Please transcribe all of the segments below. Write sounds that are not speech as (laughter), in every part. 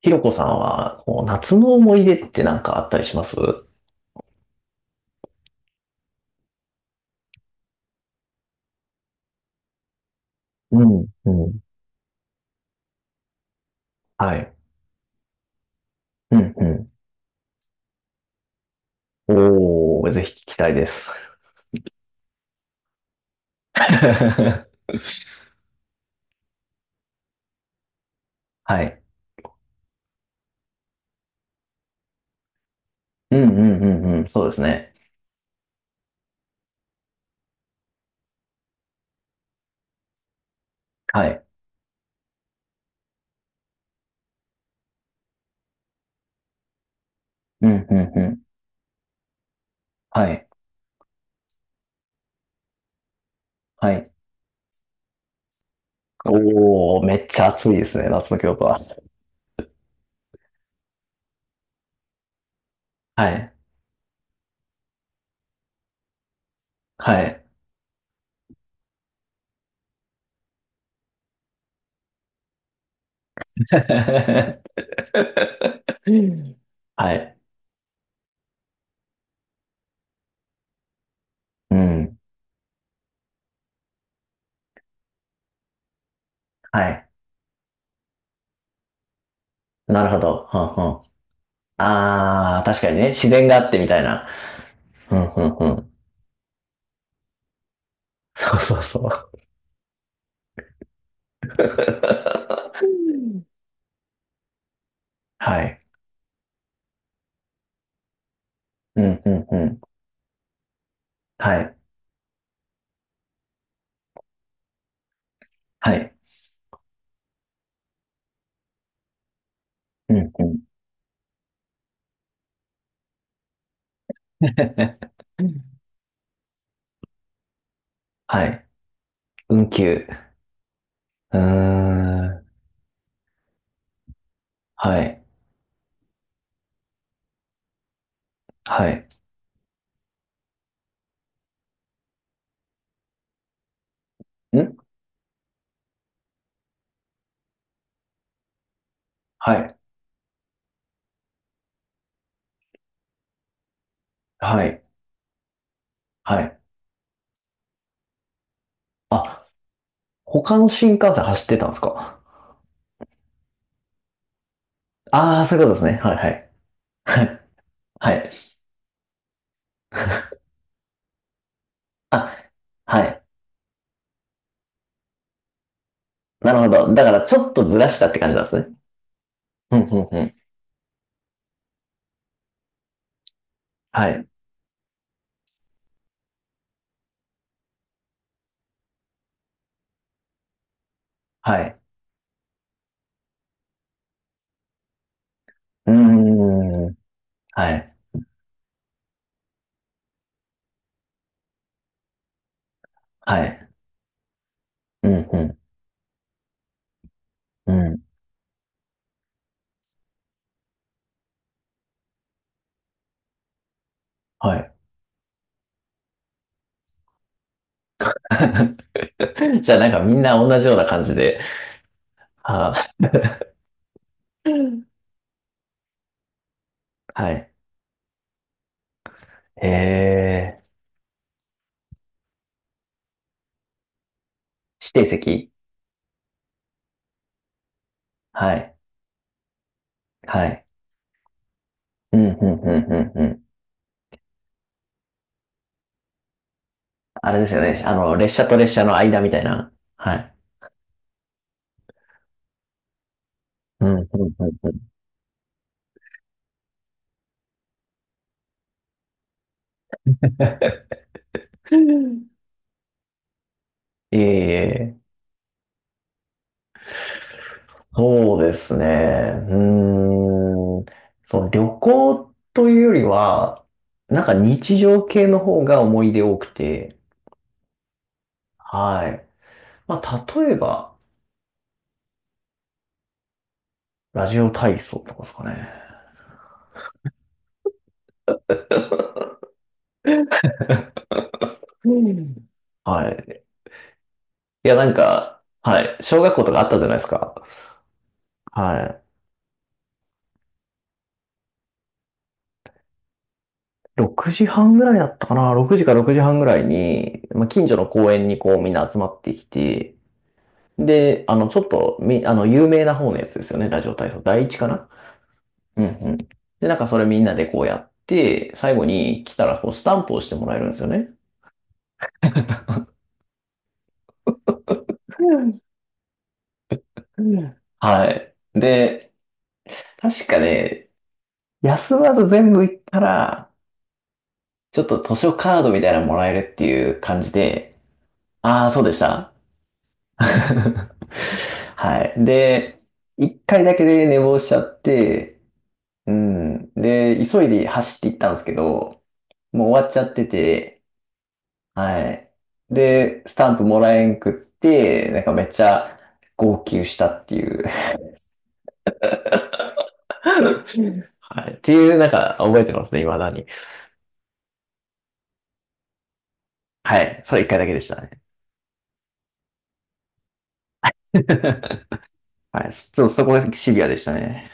ひろこさんは、こう夏の思い出ってなんかあったりします？うん、うん。はい。うん、うん。おー、ぜひ聞きたいです。(laughs) はい。うん、うん、うん、うん。そうですね。はい。うん、うん、うん。はい。はい。おー、めっちゃ暑いですね、夏の京都は。はい。はい。(laughs) はい。うん。はい。なるほど。はん、うん。あー、確かにね、自然があってみたいな。うん、うん、うん。そうそうそう。はい。うん、うん、うん。はい。はい。うん、うん。(laughs) はい。運休。うーん。はい。はい。んはい。はい。はい。あ、他の新幹線走ってたんですか？ああー、そういうことですね。はい、はい。(laughs) はい。はい。あ、はい。なるほど。だから、ちょっとずらしたって感じなんですね。うん、うん、うん。はい。はい。うーん。はい。はい。うん、うん、うん。はい。(laughs) (laughs) じゃあなんかみんな同じような感じで。はあ、(laughs) はい。えー、指定席。はい。はい。うん、うん、うん、うん、うん。あれですよね。あの、列車と列車の間みたいな。はい。うん、うん、うん、うん。(laughs) ええ、そうですね。うーん。そう、旅行というよりは、なんか日常系の方が思い出多くて。はい。まあ、例えば、ラジオ体操とかですかね。うん。はい。いや、なんか、はい。小学校とかあったじゃないですか。はい。6時半ぐらいだったかな。6時か6時半ぐらいに、まあ、近所の公園にこうみんな集まってきて、で、ちょっと、み、あの、有名な方のやつですよね。ラジオ体操。第一かな？うんうん。で、なんかそれみんなでこうやって、最後に来たらこうスタンプをしてもらえるんですよね。うんうん、はい。で、確かね、休まず全部行ったら、ちょっと図書カードみたいなのもらえるっていう感じで、ああ、そうでした。 (laughs) はい。で、一回だけで寝坊しちゃって、うん。で、急いで走って行ったんですけど、もう終わっちゃってて、はい。で、スタンプもらえんくって、なんかめっちゃ号泣したっていう。 (laughs) はい。っていう、なんか覚えてますね、未だに。はい。それ一回だけでしたね。(laughs) はい。ちょっとそこがシビアでしたね。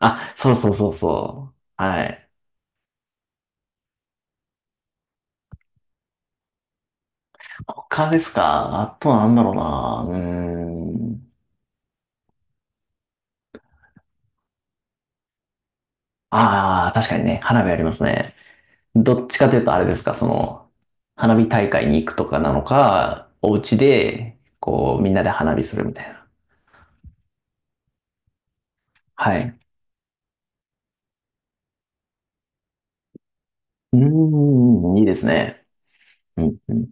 あ、そうそうそうそう。はい。他ですか？あとなんだろうな。うーん。ああ、確かにね、花火ありますね。どっちかというとあれですか、その、花火大会に行くとかなのか、お家で、こう、みんなで花火するみたいな。はい。うーん、いいですね。うん、うん、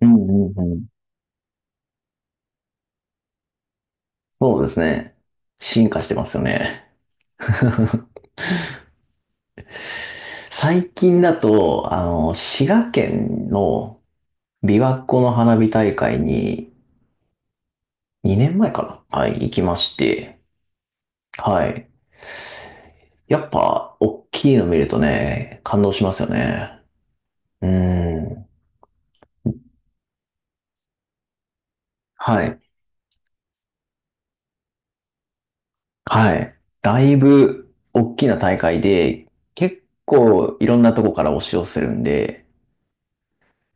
うん、うん。うん、そうですね。進化してますよね。(laughs) 最近だと、滋賀県の琵琶湖の花火大会に2年前かな、はい、行きまして。はい。やっぱ、大きいの見るとね、感動しますよね。うん。はい。はい。だいぶ、大きな大会で、結構、いろんなとこから押し寄せるんで、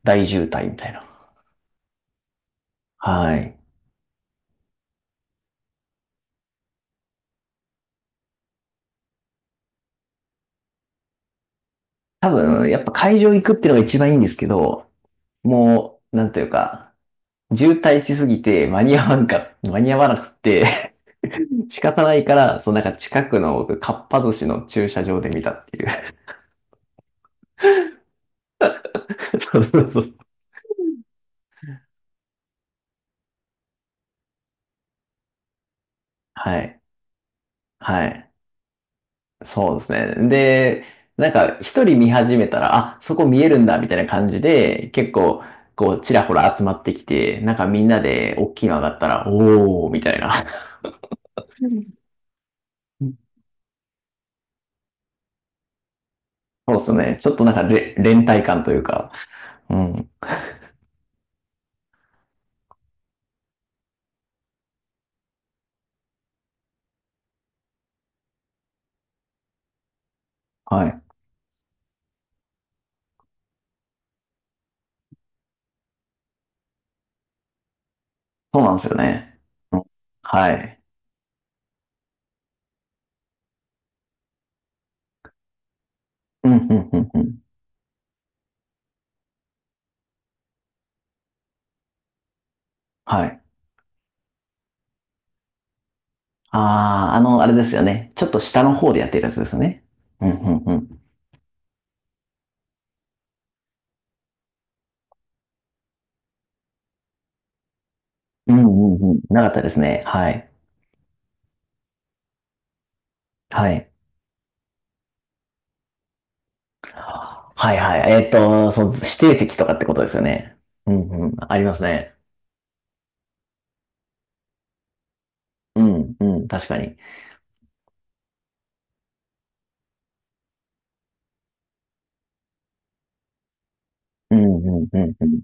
大渋滞みたいな。はい。多分、やっぱ会場行くっていうのが一番いいんですけど、もう、なんというか、渋滞しすぎて間に合わなくて仕方ないから、そのなんか近くのかっぱ寿司の駐車場で見たっていう。(laughs) そうそうそう。はい。はい。そうですね。で、なんか一人見始めたら、あ、そこ見えるんだ、みたいな感じで、結構、こう、ちらほら集まってきて、なんかみんなで大きいの上がったら、おー、みたいな。うん、そうですね。ちょっとなんか連帯感というか。うん。はい。そうなんですよね。うん、はい。うん、うん、うん、うん。はい。ああ、あれですよね。ちょっと下の方でやってるやつですね。うん、うん、うん。うん、うん、うん。なかったですね。はい。はい。はい、はい。そう、指定席とかってことですよね。うん、うん。ありますね。うん、うん。確かに。うん、うん、うん、うん。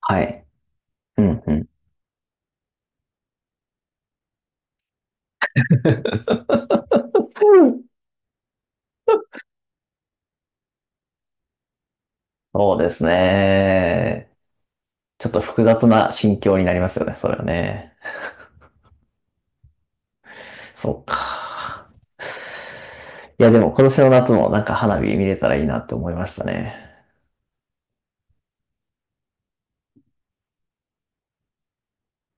はい。うん、うん。(laughs) そうですね。ちょっと複雑な心境になりますよね、それはね。そうか。いや、でも今年の夏もなんか花火見れたらいいなって思いましたね。